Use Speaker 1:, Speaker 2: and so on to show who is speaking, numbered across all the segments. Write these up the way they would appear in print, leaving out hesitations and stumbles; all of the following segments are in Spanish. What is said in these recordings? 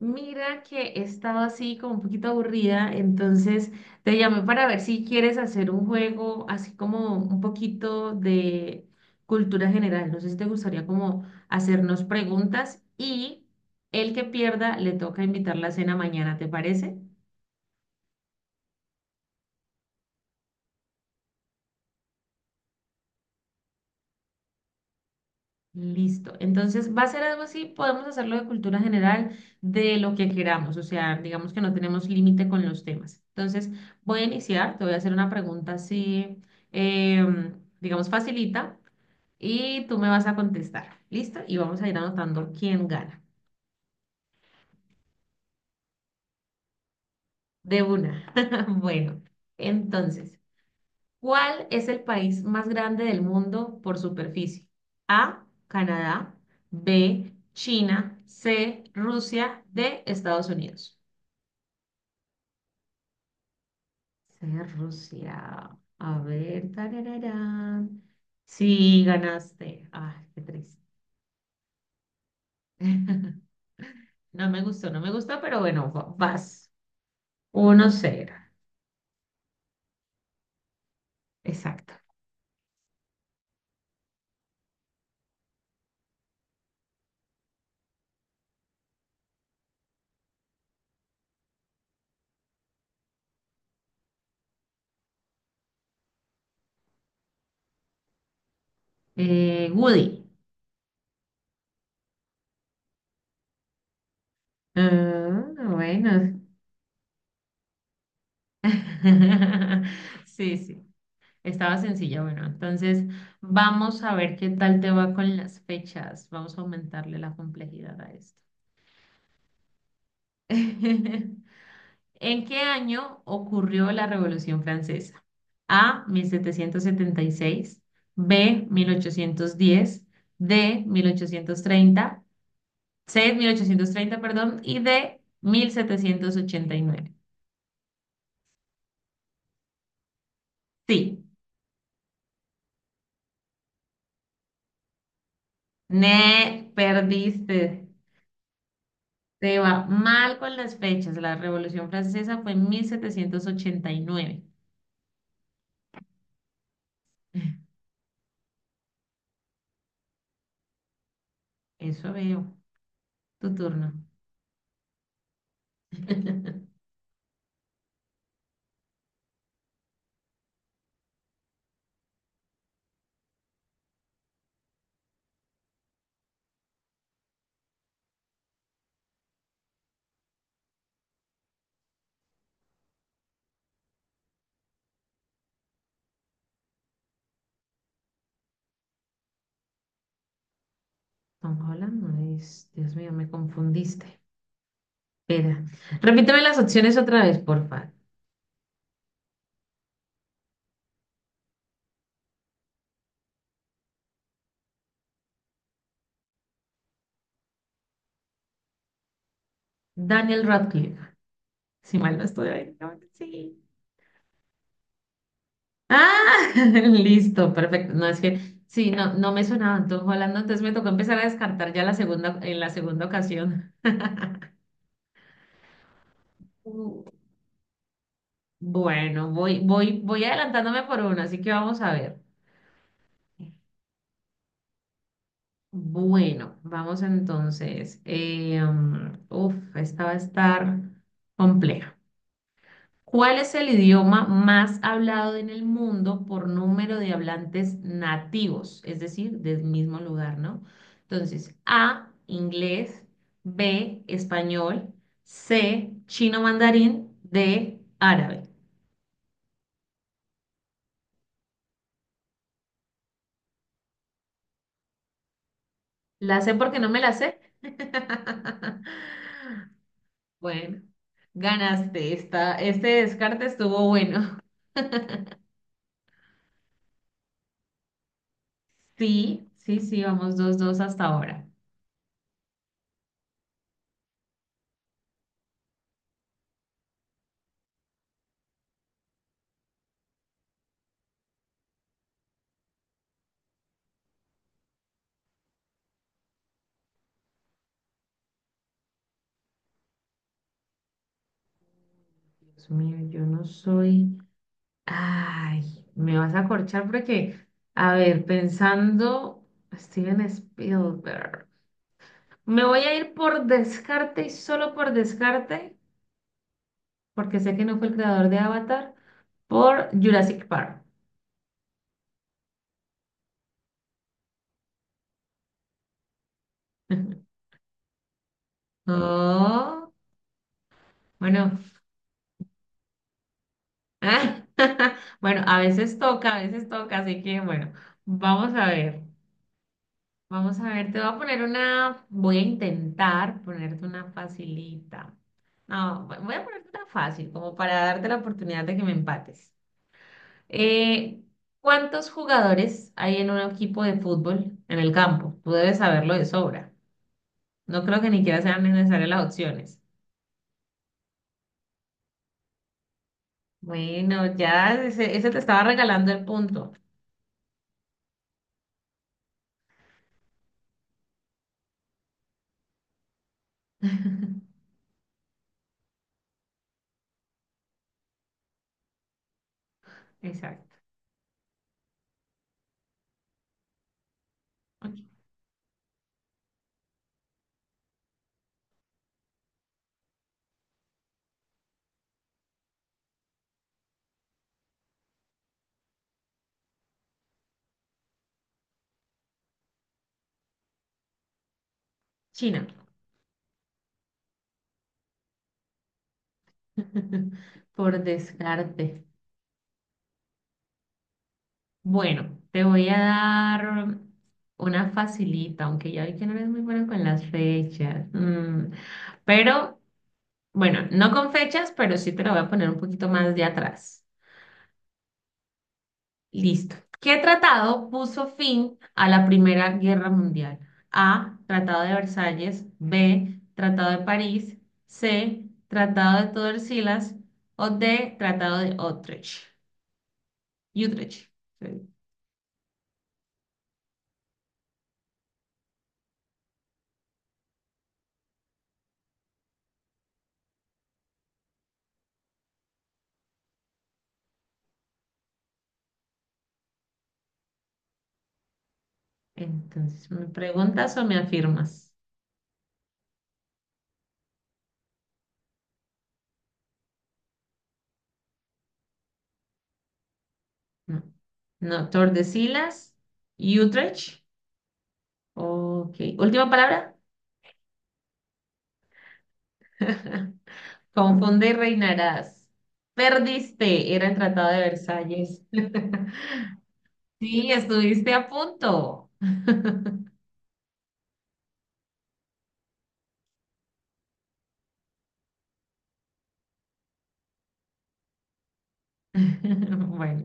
Speaker 1: Mira que he estado así como un poquito aburrida, entonces te llamé para ver si quieres hacer un juego así como un poquito de cultura general. No sé si te gustaría como hacernos preguntas y el que pierda le toca invitar la cena mañana, ¿te parece? Listo. Entonces va a ser algo así, podemos hacerlo de cultura general, de lo que queramos, o sea, digamos que no tenemos límite con los temas. Entonces voy a iniciar, te voy a hacer una pregunta así, em, digamos, facilita, y tú me vas a contestar. ¿Listo? Y vamos a ir anotando quién gana. De una. Bueno, entonces, ¿cuál es el país más grande del mundo por superficie? A, Canadá, B, China, C, Rusia, D, Estados Unidos. C, Rusia. A ver, tarararán. Sí, ganaste. Ay, qué triste. No me gustó, no me gustó, pero bueno, vas. 1-0, exacto. Woody. Ah, bueno. Sí, sí. Estaba sencilla, bueno, entonces vamos a ver qué tal te va con las fechas. Vamos a aumentarle la complejidad a esto. ¿En qué año ocurrió la Revolución Francesa? A, 1776, B, 1810, D, 1830, C, 1830, perdón, y D, 1789. Sí, ne, perdiste. Te va mal con las fechas. La Revolución Francesa fue en 1789. Eso veo. Tu turno. Estamos hablando de... Dios mío, me confundiste. Espera. Repíteme las opciones otra vez, porfa. Daniel Radcliffe. Si mal no estoy ahí, no, sí. Ah, listo, perfecto. No, es que sí, no, no me sonaba Tom Holland, entonces me tocó empezar a descartar ya la segunda, en la segunda ocasión. Bueno, voy adelantándome por una, así que vamos a ver. Bueno, vamos entonces. Uf, esta va a estar compleja. ¿Cuál es el idioma más hablado en el mundo por número de hablantes nativos? Es decir, del mismo lugar, ¿no? Entonces, A, inglés, B, español, C, chino mandarín, D, árabe. La sé porque no me la sé. Bueno, ganaste esta, este descarte estuvo bueno. Sí, sí, sí, vamos 2-2 hasta ahora. Dios mío, yo no soy. Ay, me vas a corchar porque, a ver, pensando, Steven Spielberg. Me voy a ir por descarte y solo por descarte, porque sé que no fue el creador de Avatar, por Jurassic Park. Oh, bueno, ah, bueno, a veces toca, así que bueno, vamos a ver, vamos a ver, te voy a poner una, voy a intentar ponerte una facilita. No, voy a ponerte una fácil, como para darte la oportunidad de que me empates. Eh, ¿Cuántos jugadores hay en un equipo de fútbol en el campo? Tú debes saberlo de sobra. No creo que ni siquiera sean necesarias las opciones. Bueno, ya ese te estaba regalando el punto. Exacto. Ok, China. Por descarte. Bueno, te voy a dar una facilita, aunque ya vi que no eres muy buena con las fechas. Pero, bueno, no con fechas, pero sí te la voy a poner un poquito más de atrás. Listo. ¿Qué tratado puso fin a la Primera Guerra Mundial? A. Tratado de Versalles. B. Tratado de París. C. Tratado de Tordesillas. O D. Tratado de Utrecht. Utrecht. Entonces, ¿me preguntas o me afirmas? No. No, Tordesillas y Utrecht. Ok. Última palabra. Confunde y reinarás. Perdiste. Era el Tratado de Versalles. Sí, estuviste a punto. Bueno,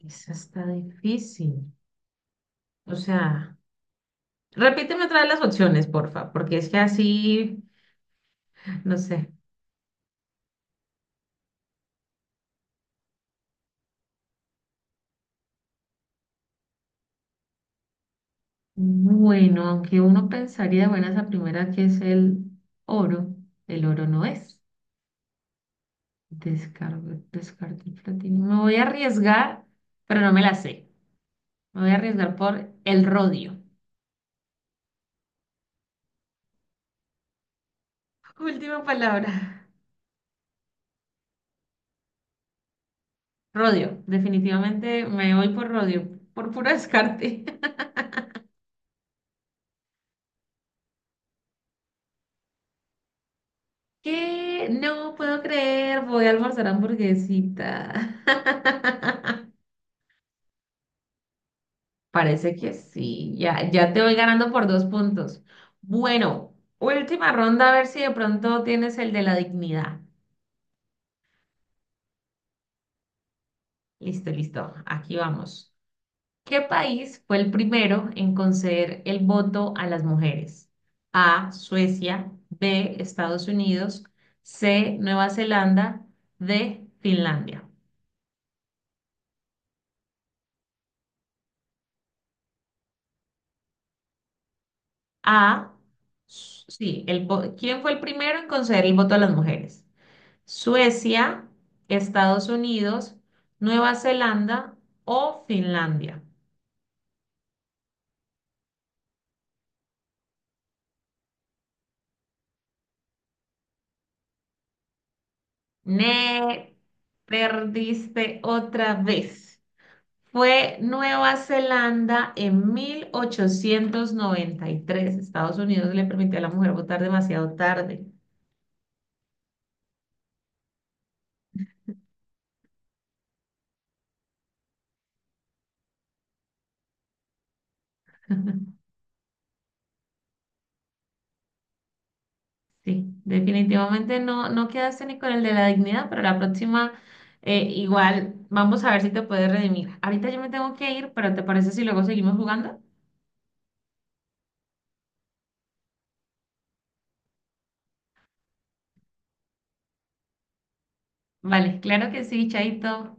Speaker 1: eso está difícil. O sea, repíteme otra vez las opciones, porfa, porque es que así, no sé. Bueno, aunque uno pensaría, bueno, esa primera que es oro, el oro no es. Descargo, descarto el platino. Me voy a arriesgar, pero no me la sé. Me voy a arriesgar por el rodio. Última palabra. Rodio. Definitivamente me voy por rodio, por puro descarte. ¿Qué? No puedo creer, voy a almorzar hamburguesita. Parece que sí, ya, ya te voy ganando por 2 puntos. Bueno, última ronda, a ver si de pronto tienes el de la dignidad. Listo, listo, aquí vamos. ¿Qué país fue el primero en conceder el voto a las mujeres? A, Suecia, B, Estados Unidos, C, Nueva Zelanda, D, Finlandia. A, sí, el, ¿quién fue el primero en conceder el voto a las mujeres? Suecia, Estados Unidos, Nueva Zelanda o Finlandia. Me perdiste otra vez. Fue Nueva Zelanda en 1893. Estados Unidos le permitió a la mujer votar demasiado tarde. Sí, definitivamente no, no quedaste ni con el de la dignidad, pero la próxima igual vamos a ver si te puedes redimir. Ahorita yo me tengo que ir, pero ¿te parece si luego seguimos jugando? Vale, claro que sí, Chaito.